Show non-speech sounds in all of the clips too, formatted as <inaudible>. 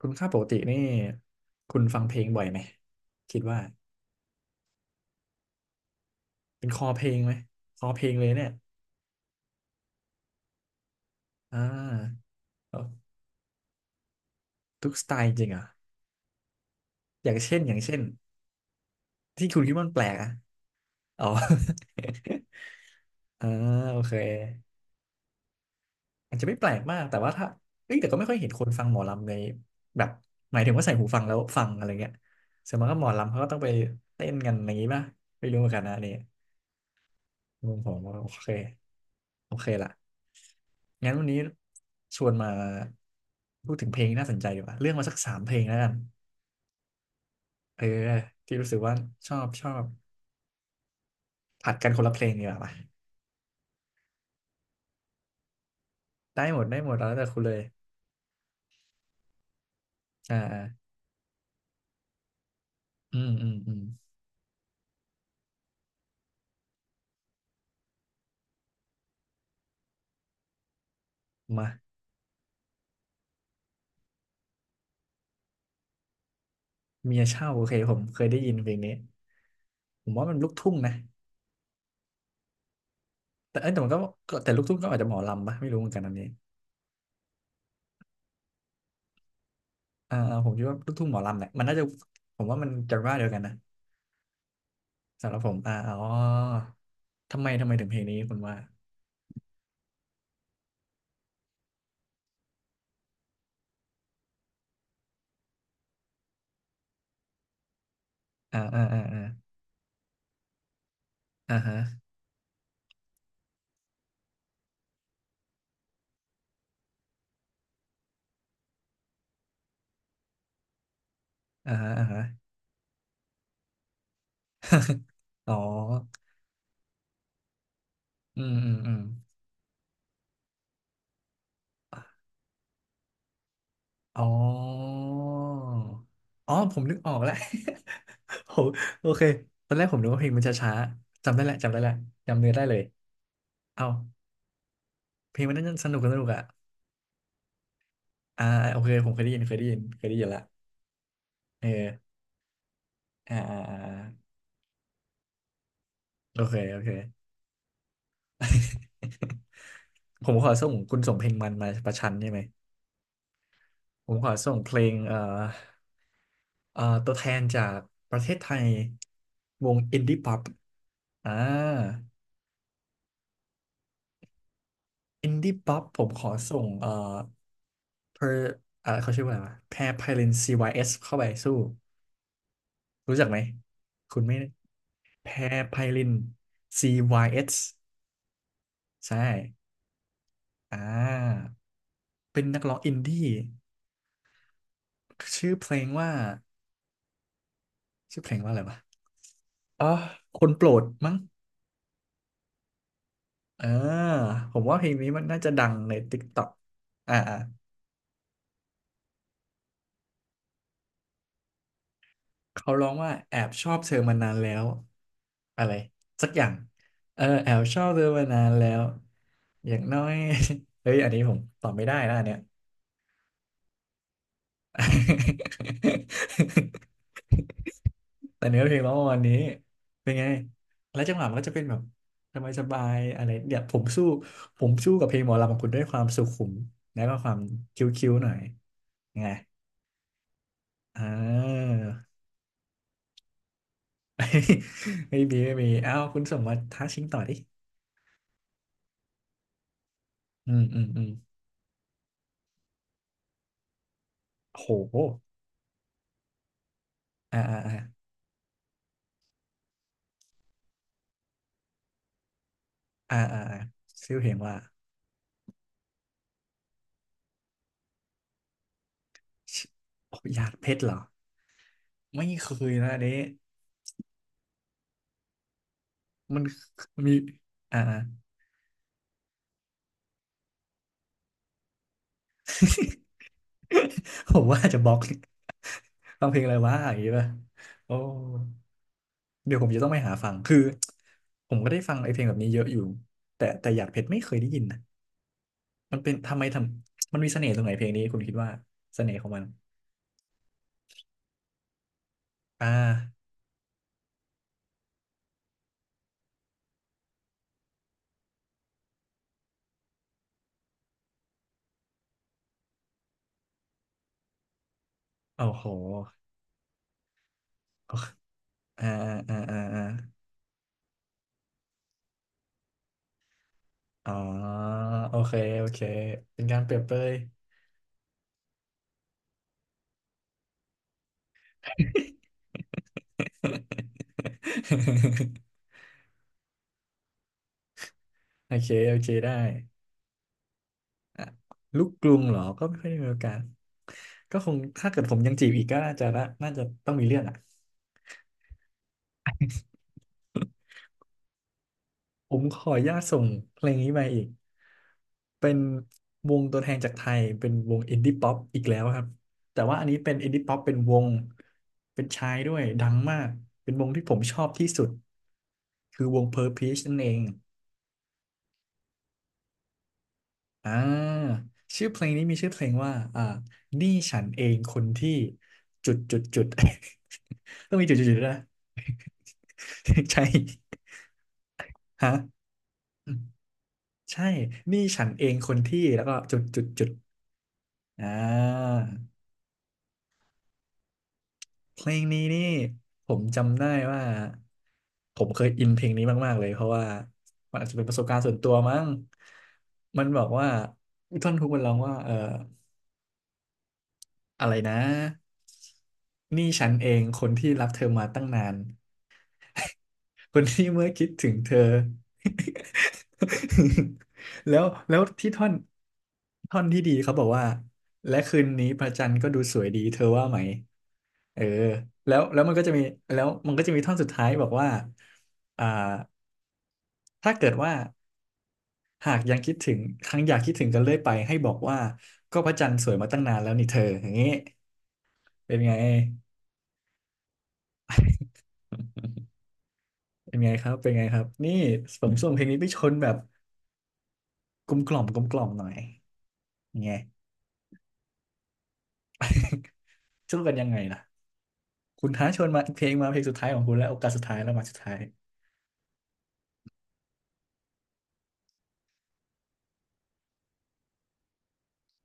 คุณค่าปกตินี่คุณฟังเพลงบ่อยไหมคิดว่าเป็นคอเพลงไหมคอเพลงเลยเนี่ยอ่าเอาทุกสไตล์จริงเหรอ่ะอย่างเช่นที่คุณคิดว่ามันแปลกอ่ะอ๋อ <laughs> อ่าโอเคอาจจะไม่แปลกมากแต่ว่าถ้าเอ้ยแต่ก็ไม่ค่อยเห็นคนฟังหมอลำในแบบหมายถึงว่าใส่หูฟังแล้วฟังอะไรเงี้ยส่วนมากก็หมอลำเขาก็ต้องไปเต้นกันอย่างนี้ป่ะไม่รู้เหมือนกันนะอันนี่มุมผมว่าโอเค โอเคละงั้นวันนี้ชวนมาพูดถึงเพลงที่น่าสนใจดีกว่าเรื่องมาสักสามเพลงแล้วกันเออที่รู้สึกว่าชอบผัดกันคนละเพลงดีกว่าปะได้หมดได้หมดแล้วแต่คุณเลยอ่าอ่าอืมอืมอืมมาเมียเช่าโอเคผมเคยได้ยินเพลงนี้ผมว่ามันลูกทุ่งนะแต่เอ้ยแต่มันก็ก็แต่ลูกทุ่งก็อาจจะหมอลำปะไม่รู้เหมือนกันอันนี้อ่าอ่าผมคิดว่าลูกทุ่งหมอลำแหละมันน่าจะผมว่ามันจะว่าเดียวกันนะสำหรับผมอ่าอ๋อทำไมถึงเพลงนี้คุณว่าอ่าอ่าอ่าอ่า อ่าฮะอ่าฮะอ่าฮะอ๋ออืมอืมอืมอ๋ออ๋อผมนึกออกแล้ว <laughs> โหโอเค ตอนแรกผมนึกว่าเพลงมันจะช้าจำได้แหละจำได้แหละจำเนื้อได้เลยเอาเพลงมันน่าจะสนุกสนุกอ่ะอ่าโอเคผมเคยได้ยินเคยได้ยินเคยได้ยินละเอออ่าอ่าอ่าโอเคโอเค <laughs> ผมขอส่งคุณส่งเพลงมันมาประชันใช่ไหมผมขอส่งเพลงตัวแทนจากประเทศไทยวงอินดี้ป๊อปอ่า อินดี้ป๊อปผมขอส่งเพออ่าเขาชื่อว่าอะไรวะแพรไพลิน CYS เอสเข้าไปสู้รู้จักไหมคุณไม่แพรไพลิน CYS ใช่อ่าเป็นนักร้องอินดี้ชื่อเพลงว่าชื่อเพลงว่าอะไรวะอ๋อคนโปรดมั้งเออผมว่าเพลงนี้มันน่าจะดังใน TikTok อ่าอ่าเขาร้องว่าแอบชอบเธอมานานแล้วอะไรสักอย่างเออแอบชอบเธอมานานแล้ว อย่างน้อย <laughs> เฮ้ยอันนี้ผมตอบไม่ได้นะอันเนี้ย <laughs> แต่เนื้อเพลงร้องประมาณนี้เป็นไง แล้วจังหวะมันก็จะเป็นแบบสบายสบายอะไรเนี่ยผมสู้กับเพลงหมอลำของคุณด้วยความสุขุมแล้วก็ความคิ้วๆหน่อยไงอ่า <laughs> ไม่มีเอ้าคุณส่งมาท้าชิงต่อดิอืมอืมอืมโหอ่าอ่าอ่าอ่าอ่าอ่าชื่อเพลงว่าชิโอ้ยหยาดเพชรเหรอไม่เคยนะอันนี้ มันมีอ่า <laughs> ผมว่าจะบล็อกฟังเพลงอะไรวะอย่างงี้ป่ะโอ้เดี๋ยวผมจะต้องไปหาฟังคือผมก็ได้ฟังไอ้เพลงแบบนี้เยอะอยู่แต่แต่อยากเพชรไม่เคยได้ยินนะมันเป็นทำไมทำมันมีเสน่ห์ตรงไหนเพลงนี้คุณคิดว่าเสน่ห์ของมันอ่าโอ้โหอ่าอ่าอ่าอ่าอ๋อโอเคโอเคเป็นการเปรียบเปรย <laughs> โอเคโอเคได้ อ่ะลูกกรุงเหรอ ก็ไม่ค่อยได้มีโอกาสก็คงถ้าเกิดผมยังจีบอีกก็น่าจะน่าน่าจะต้องมีเรื่องอ่ะผมขออนุญาตส่งเพลงนี้ไปอีก เป็นวงตัวแทนจากไทยเป็นวงอินดี้ป๊อปอีกแล้วครับ แต่ว่าอันนี้เป็นอินดี้ป๊อปเป็นวงเป็นชายด้วยดังมาก เป็นวงที่ผมชอบที่สุดคือวง Purplish นั่นเอง อ่าชื่อเพลงว่าอ่านี่ฉันเองคนที่จุดจุดจุด <laughs> ต้องมีจุดจุดจุดด้วยนะ <laughs> ใช่ฮะอืมใช่นี่ฉันเองคนที่แล้วก็จุดจุดจุดอ่าเพลงนี้นี่ผมจำได้ว่าผมเคยอินเพลงนี้มากๆเลยเพราะว่ามันอาจจะเป็นประสบการณ์ส่วนตัวมั้งมันบอกว่าท่อนฮุกมันร้องว่าเออ อะไรนะนี่ฉันเองคนที่รับเธอมาตั้งนานคนที่เมื่อคิดถึงเธอ <laughs> แล้วที่ท่อนท่อนที่ดีเขาบอกว่าและคืนนี้พระจันทร์ก็ดูสวยดีเธอว่าไหมเออแล้วมันก็จะมีแล้วมันก็จะมีท่อนสุดท้ายบอกว่าอ่าถ้าเกิดว่าหากยังคิดถึงครั้งอยากคิดถึงกันเรื่อยไปให้บอกว่าก็พระจันทร์สวยมาตั้งนานแล้วนี่เธออย่างนี้เป็นไง <laughs> เป็นไงครับ เป็นไงครับนี่ผมส่งเพลงนี้ไปชนแบบกลมกล่อมหน่อยยังไง <laughs> สู้กันยังไงล่ะคุณท้าชวนมาเพลงมาเพลงสุดท้ายของคุณแล้วโอกาสสุดท้ายแล้วมาสุดท้าย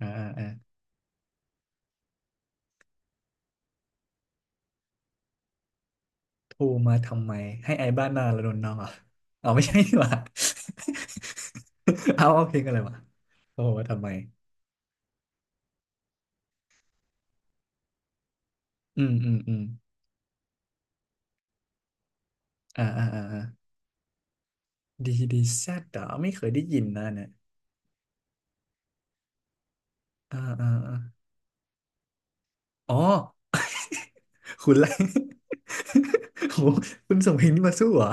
อ่าอ่าอ่าโทรมาทำไม ให้ไอ้บ้านหนาระดนนองเหรอเอาไม่ใช่หว่า <laughs> เอาเอาเพลงอะไรวะโทรมาทำไมอืมอืมอืมอ่าอ่าอ่าอ่าดีดีแซดเหรอไม่เคยได้ยินนะเนี่ยอ่าอ่าอ่าอ๋อคุณไร <laughs> โหคุณส่งเพลงนี้มาสู้เหรอ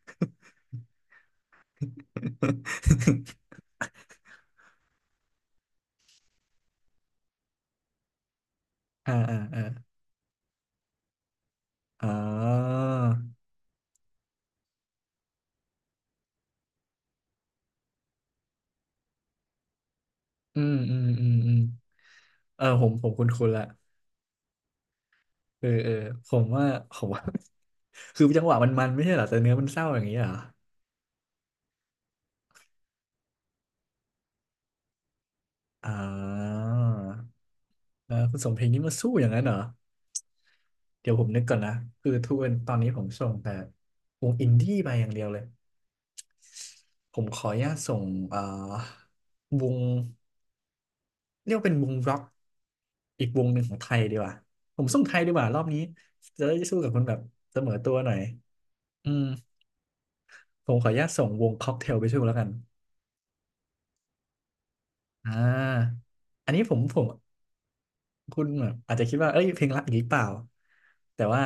<laughs> อ่าอ่าอ่าอ๋ออืมอืมอืมอืมเออผมคุ้นคุนละเออเออผมว่าผมว่า <laughs> คือจังหวะมันไม่ใช่เหรอแต่เนื้อมันเศร้าอย่างนี้เหรออ่าเออคุณสมเพลงนี้มาสู้อย่างนั้นเหรอเดี๋ยวผมนึกก่อนนะคือทุกวันตอนนี้ผมส่งแต่วงอินดี้ไปอย่างเดียวเลยผมขออนุญาตส่งเอ่อวง เรียกว่าเป็นวงร็อกอีกวงหนึ่งของไทยดีกว่าผมสู้ไทยดีกว่ารอบนี้จะได้สู้กับคนแบบเสมอตัวหน่อยอืมผมขออนุญาตส่งวงค็อกเทลไปช่วยแล้วกันอ่าอันนี้ผมคุณแบบอาจจะคิดว่าเอ้ยเพลงรักอีกหรือเปล่าแต่ว่า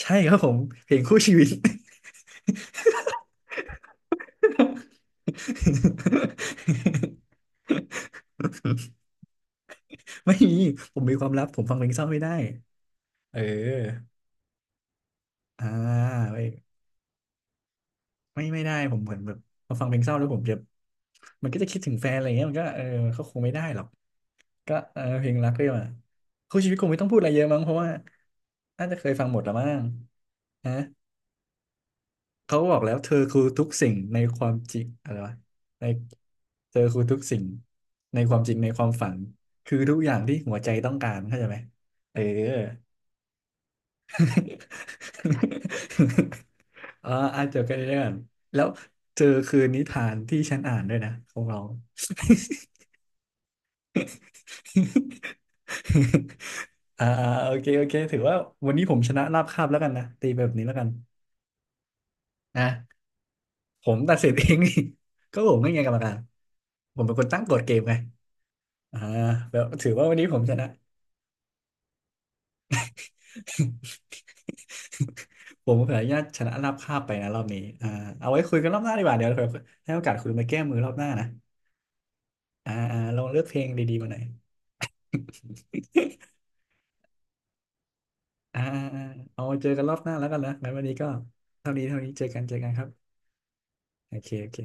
ใช่ครับผมเพลงคู่ชีวิต <laughs> ไม่มีผมมีความลับผมฟังเพลงเศร้าไม่ได้เอออ่าไม่ ไม่ได้ผมเหมือนแบบพอฟังเพลงเศร้าแล้วผมจะมันก็จะคิดถึงแฟนอะไรเงี้ยมันก็เออเขาคงไม่ได้หรอกก็เออเพลงรักเ้ยมาคู่ชีวิตคงไม่ต้องพูดอะไรเยอะมั้งเพราะว่าน่าจะเคยฟังหมดแล้วมั้งฮะเขาก็บอกแล้วเธอคือทุกสิ่งในความจริงอะไรวะในเธอคือทุกสิ่งในความจริงในความฝันคือทุกอย่างที่หัวใจต้องการเข้าใจไหมเออ เอออ่านจบกันเรื่องแล้วเจอคือนิทานที่ฉันอ่านด้วยนะของเรา <laughs> อ่าอ่าโอเคโอเคถือว่าวันนี้ผมชนะราบคาบแล้วกันนะตีแบบนี้แล้วกันนะผมตัดสินเอง <laughs> นี่ <laughs> ก็ผมไม่ไงกรรมการผมเป็นคนตั้งกฎเกมไงอ่าแบบถือว่าวันนี้ผมชนะ <laughs> ผมขออนุญาตชนะราบคาบไปนะรอบนี้อ่าเอาไว้คุยกันรอบหน้าดีกว่าเดี๋ยวให้โอกาสคุณมาแก้มือรอบหน้านะอ่าอ่าลองเลือกเพลงดีๆมาหน่อย อ่าอ่าอ่าเอาไว้เจอกันรอบหน้าแล้วกันนะงั้นวันนี้ก็เท่านี้เท่านี้เจอกันเจอกันครับโอเคโอเค